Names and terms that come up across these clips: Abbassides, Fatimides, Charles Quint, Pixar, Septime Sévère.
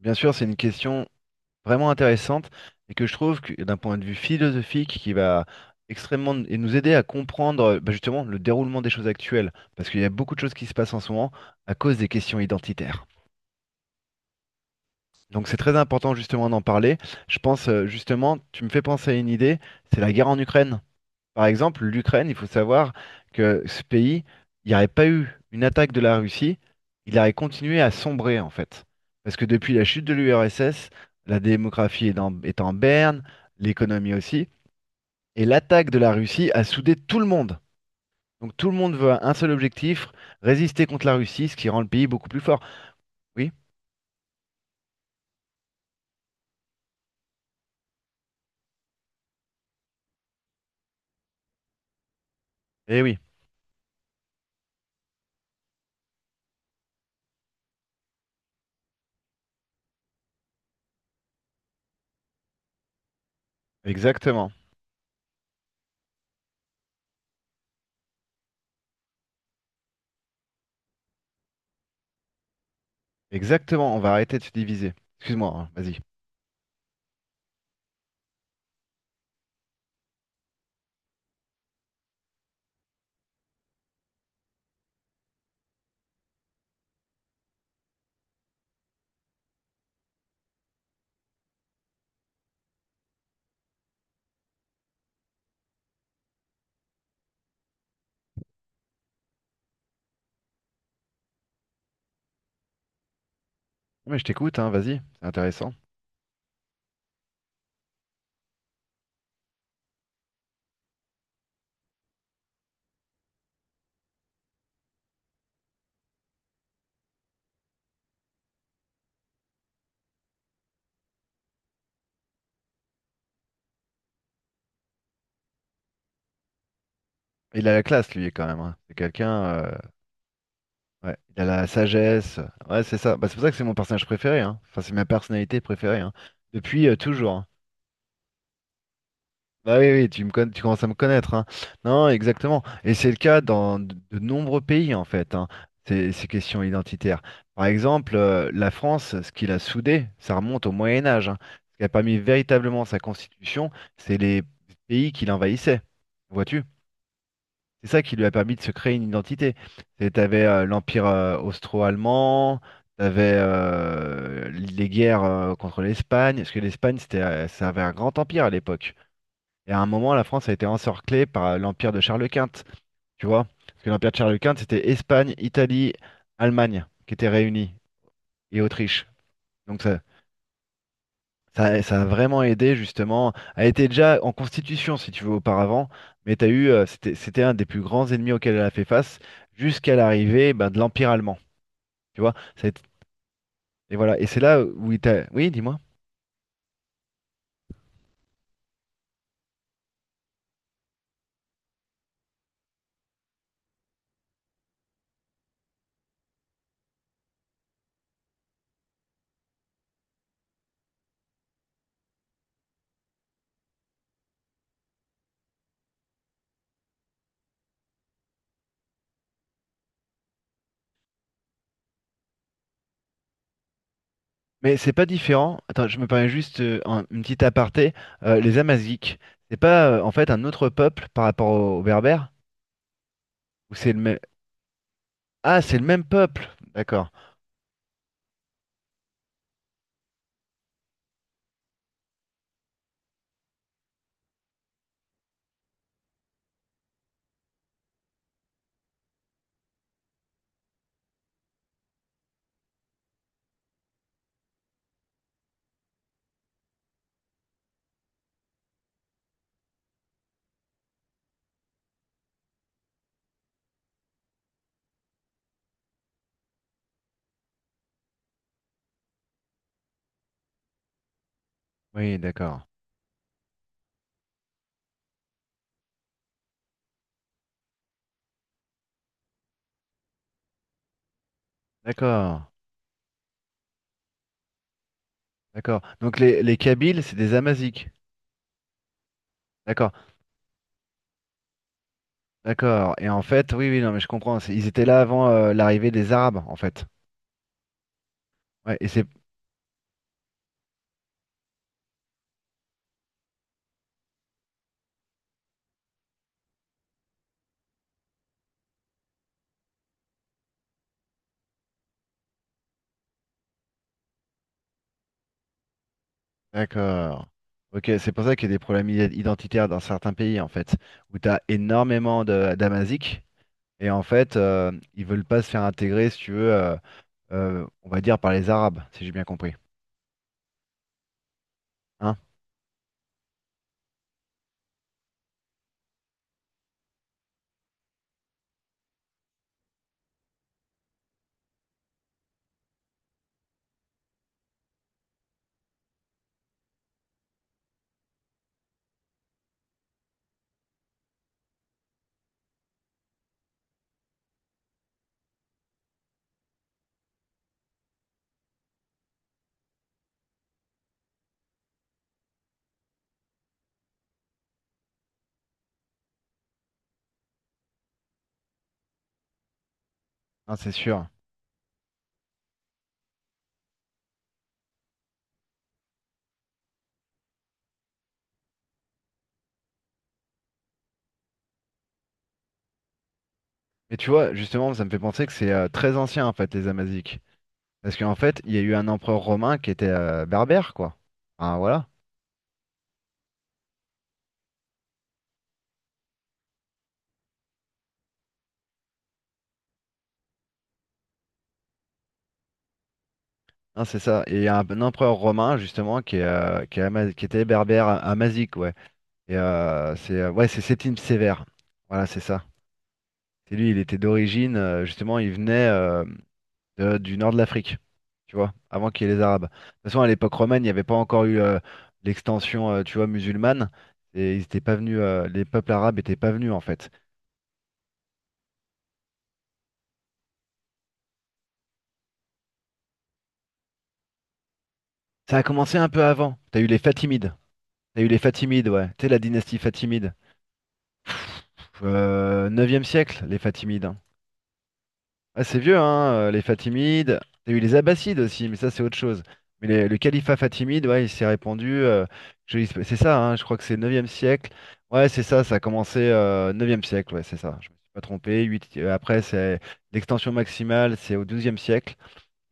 Bien sûr, c'est une question vraiment intéressante et que je trouve que d'un point de vue philosophique qui va extrêmement et nous aider à comprendre bah, justement le déroulement des choses actuelles, parce qu'il y a beaucoup de choses qui se passent en ce moment à cause des questions identitaires. Donc c'est très important justement d'en parler. Je pense justement, tu me fais penser à une idée, c'est la guerre en Ukraine. Par exemple, l'Ukraine, il faut savoir que ce pays, il n'y aurait pas eu une attaque de la Russie, il aurait continué à sombrer en fait. Parce que depuis la chute de l'URSS, la démographie est en berne, l'économie aussi, et l'attaque de la Russie a soudé tout le monde. Donc tout le monde veut un seul objectif, résister contre la Russie, ce qui rend le pays beaucoup plus fort. Oui, eh oui, exactement. Exactement, on va arrêter de se diviser. Excuse-moi, hein, vas-y. Mais je t'écoute, hein, vas-y, c'est intéressant. Il a la classe, lui, quand même, hein. C'est quelqu'un. Ouais, il a la sagesse. Ouais, c'est ça. Bah, c'est pour ça que c'est mon personnage préféré, hein. Enfin, c'est ma personnalité préférée, hein. Depuis toujours, hein. Bah oui, oui, tu me connais, tu commences à me connaître, hein. Non, exactement. Et c'est le cas dans de nombreux pays, en fait, hein, ces questions identitaires. Par exemple, la France, ce qu'il a soudé, ça remonte au Moyen Âge, hein. Ce qui a permis véritablement sa constitution, c'est les pays qui l'envahissaient. Vois-tu? C'est ça qui lui a permis de se créer une identité. Et t'avais l'Empire austro-allemand, t'avais les guerres contre l'Espagne, parce que l'Espagne, c'était, ça avait un grand empire à l'époque. Et à un moment, la France a été encerclée par l'Empire de Charles Quint, tu vois. Parce que l'Empire de Charles Quint, c'était Espagne, Italie, Allemagne qui étaient réunies, et Autriche. Donc ça, ça a vraiment aidé justement. Elle était déjà en constitution, si tu veux, auparavant, mais t'as eu, c'était un des plus grands ennemis auxquels elle a fait face jusqu'à l'arrivée ben, de l'Empire allemand. Tu vois, ça a été- et voilà. Et c'est là où il t'a. Oui, dis-moi. Mais c'est pas différent. Attends, je me permets juste un- une petite aparté. Les Amazigh, c'est pas en fait un autre peuple par rapport aux, aux Berbères? Ou c'est le même. Ah, c'est le même peuple. D'accord. Oui, d'accord. D'accord. D'accord. Donc les Kabyles, c'est des Amazigh. D'accord. D'accord. Et en fait, oui, oui, non, mais je comprends. C'est- ils étaient là avant l'arrivée des Arabes, en fait. Ouais, et c'est. D'accord. Ok, c'est pour ça qu'il y a des problèmes i- identitaires dans certains pays, en fait, où tu as énormément de d'Amaziques. Et en fait, ils veulent pas se faire intégrer, si tu veux, on va dire par les Arabes, si j'ai bien compris. Hein? Hein, c'est sûr. Mais tu vois, justement, ça me fait penser que c'est très ancien, en fait, les Amaziques. Parce qu'en fait, il y a eu un empereur romain qui était berbère, quoi. Ah, voilà. Non, c'est ça. Et il y a un empereur romain, justement, qui, est Ama- qui était berbère, Amazique, ouais. Et c'est ouais, c'est Septime Sévère. Voilà, c'est ça. C'est lui, il était d'origine, justement, il venait de- du nord de l'Afrique, tu vois, avant qu'il y ait les Arabes. De toute façon, à l'époque romaine, il n'y avait pas encore eu l'extension, tu vois, musulmane. Et ils étaient pas venus, les peuples arabes étaient pas venus, en fait. Ça a commencé un peu avant. T'as eu les Fatimides. T'as eu les Fatimides, ouais. Tu sais, la dynastie Fatimide. 9 siècle, les Fatimides. Ah, c'est vieux, hein, les Fatimides. T'as eu les Abbassides aussi, mais ça, c'est autre chose. Mais les- le califat fatimide, ouais, il s'est répandu. C'est ça, hein, je crois que c'est neuvième siècle. Ouais, c'est ça, ça a commencé 9 siècle, ouais, c'est ça. Je me suis pas trompé. Huit- après, c'est l'extension maximale, c'est au douzième siècle.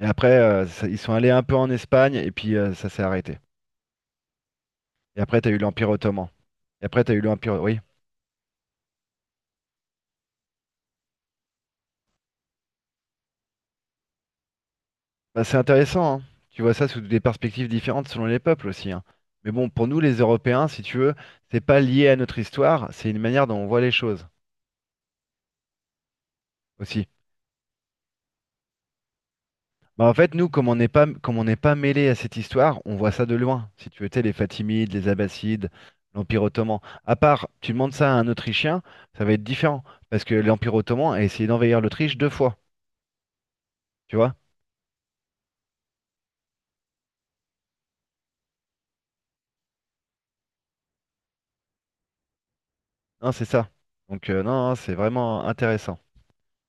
Et après, ça- ils sont allés un peu en Espagne, et puis ça s'est arrêté. Et après, t'as eu l'Empire ottoman. Et après, t'as eu l'Empire. Oui, bah, c'est intéressant, hein. Tu vois ça sous des perspectives différentes selon les peuples aussi, hein. Mais bon, pour nous les Européens, si tu veux, c'est pas lié à notre histoire, c'est une manière dont on voit les choses aussi. Bah, en fait, nous, comme on n'est pas mêlé à cette histoire, on voit ça de loin. Si tu veux, tu sais, les Fatimides, les Abbassides, l'Empire ottoman. À part, tu demandes ça à un Autrichien, ça va être différent, parce que l'Empire ottoman a essayé d'envahir l'Autriche deux fois, tu vois? Hein, c'est ça. Donc non, non, c'est vraiment intéressant.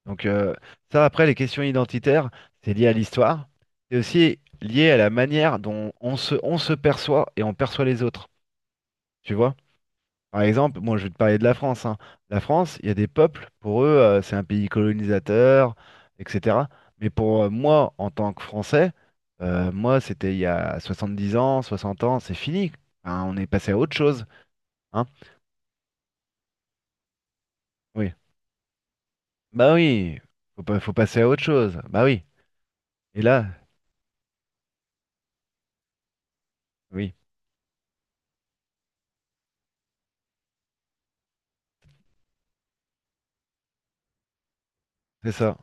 Donc ça, après, les questions identitaires, c'est lié à l'histoire. C'est aussi lié à la manière dont on se perçoit et on perçoit les autres. Tu vois? Par exemple, moi, je vais te parler de la France, hein. La France, il y a des peuples, pour eux, c'est un pays colonisateur, etc. Mais pour moi, en tant que Français, moi, c'était il y a 70 ans, 60 ans, c'est fini. Enfin, on est passé à autre chose, hein. Oui. Bah oui, faut pas, faut passer à autre chose. Bah oui. Et là, oui, c'est ça.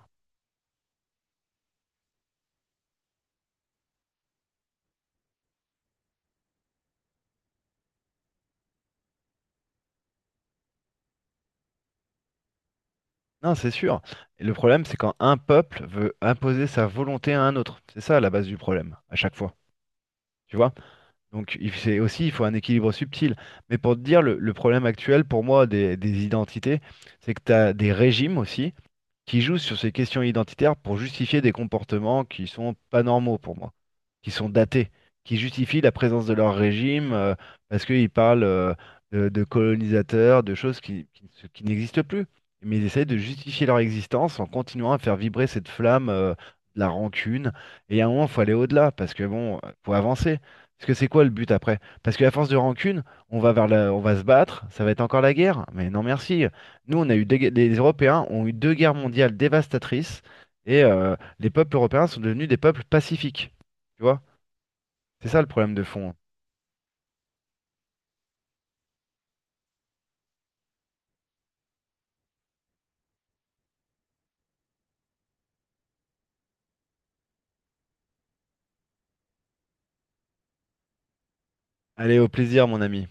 Non, c'est sûr. Et le problème, c'est quand un peuple veut imposer sa volonté à un autre. C'est ça la base du problème, à chaque fois. Tu vois? Donc, il- c'est aussi, il faut un équilibre subtil. Mais pour te dire, le problème actuel, pour moi, des identités, c'est que tu as des régimes aussi qui jouent sur ces questions identitaires pour justifier des comportements qui sont pas normaux pour moi, qui sont datés, qui justifient la présence de leur régime parce qu'ils parlent de colonisateurs, de choses qui, ne- qui n'existent plus. Mais ils essayent de justifier leur existence en continuant à faire vibrer cette flamme de la rancune. Et à un moment, il faut aller au-delà parce que bon, faut avancer. Parce que c'est quoi le but après? Parce qu'à force de rancune, on va vers la- on va se battre, ça va être encore la guerre. Mais non merci, nous, on a eu des gue- les Européens ont eu deux guerres mondiales dévastatrices et les peuples européens sont devenus des peuples pacifiques. Tu vois? C'est ça le problème de fond. Allez, au plaisir, mon ami.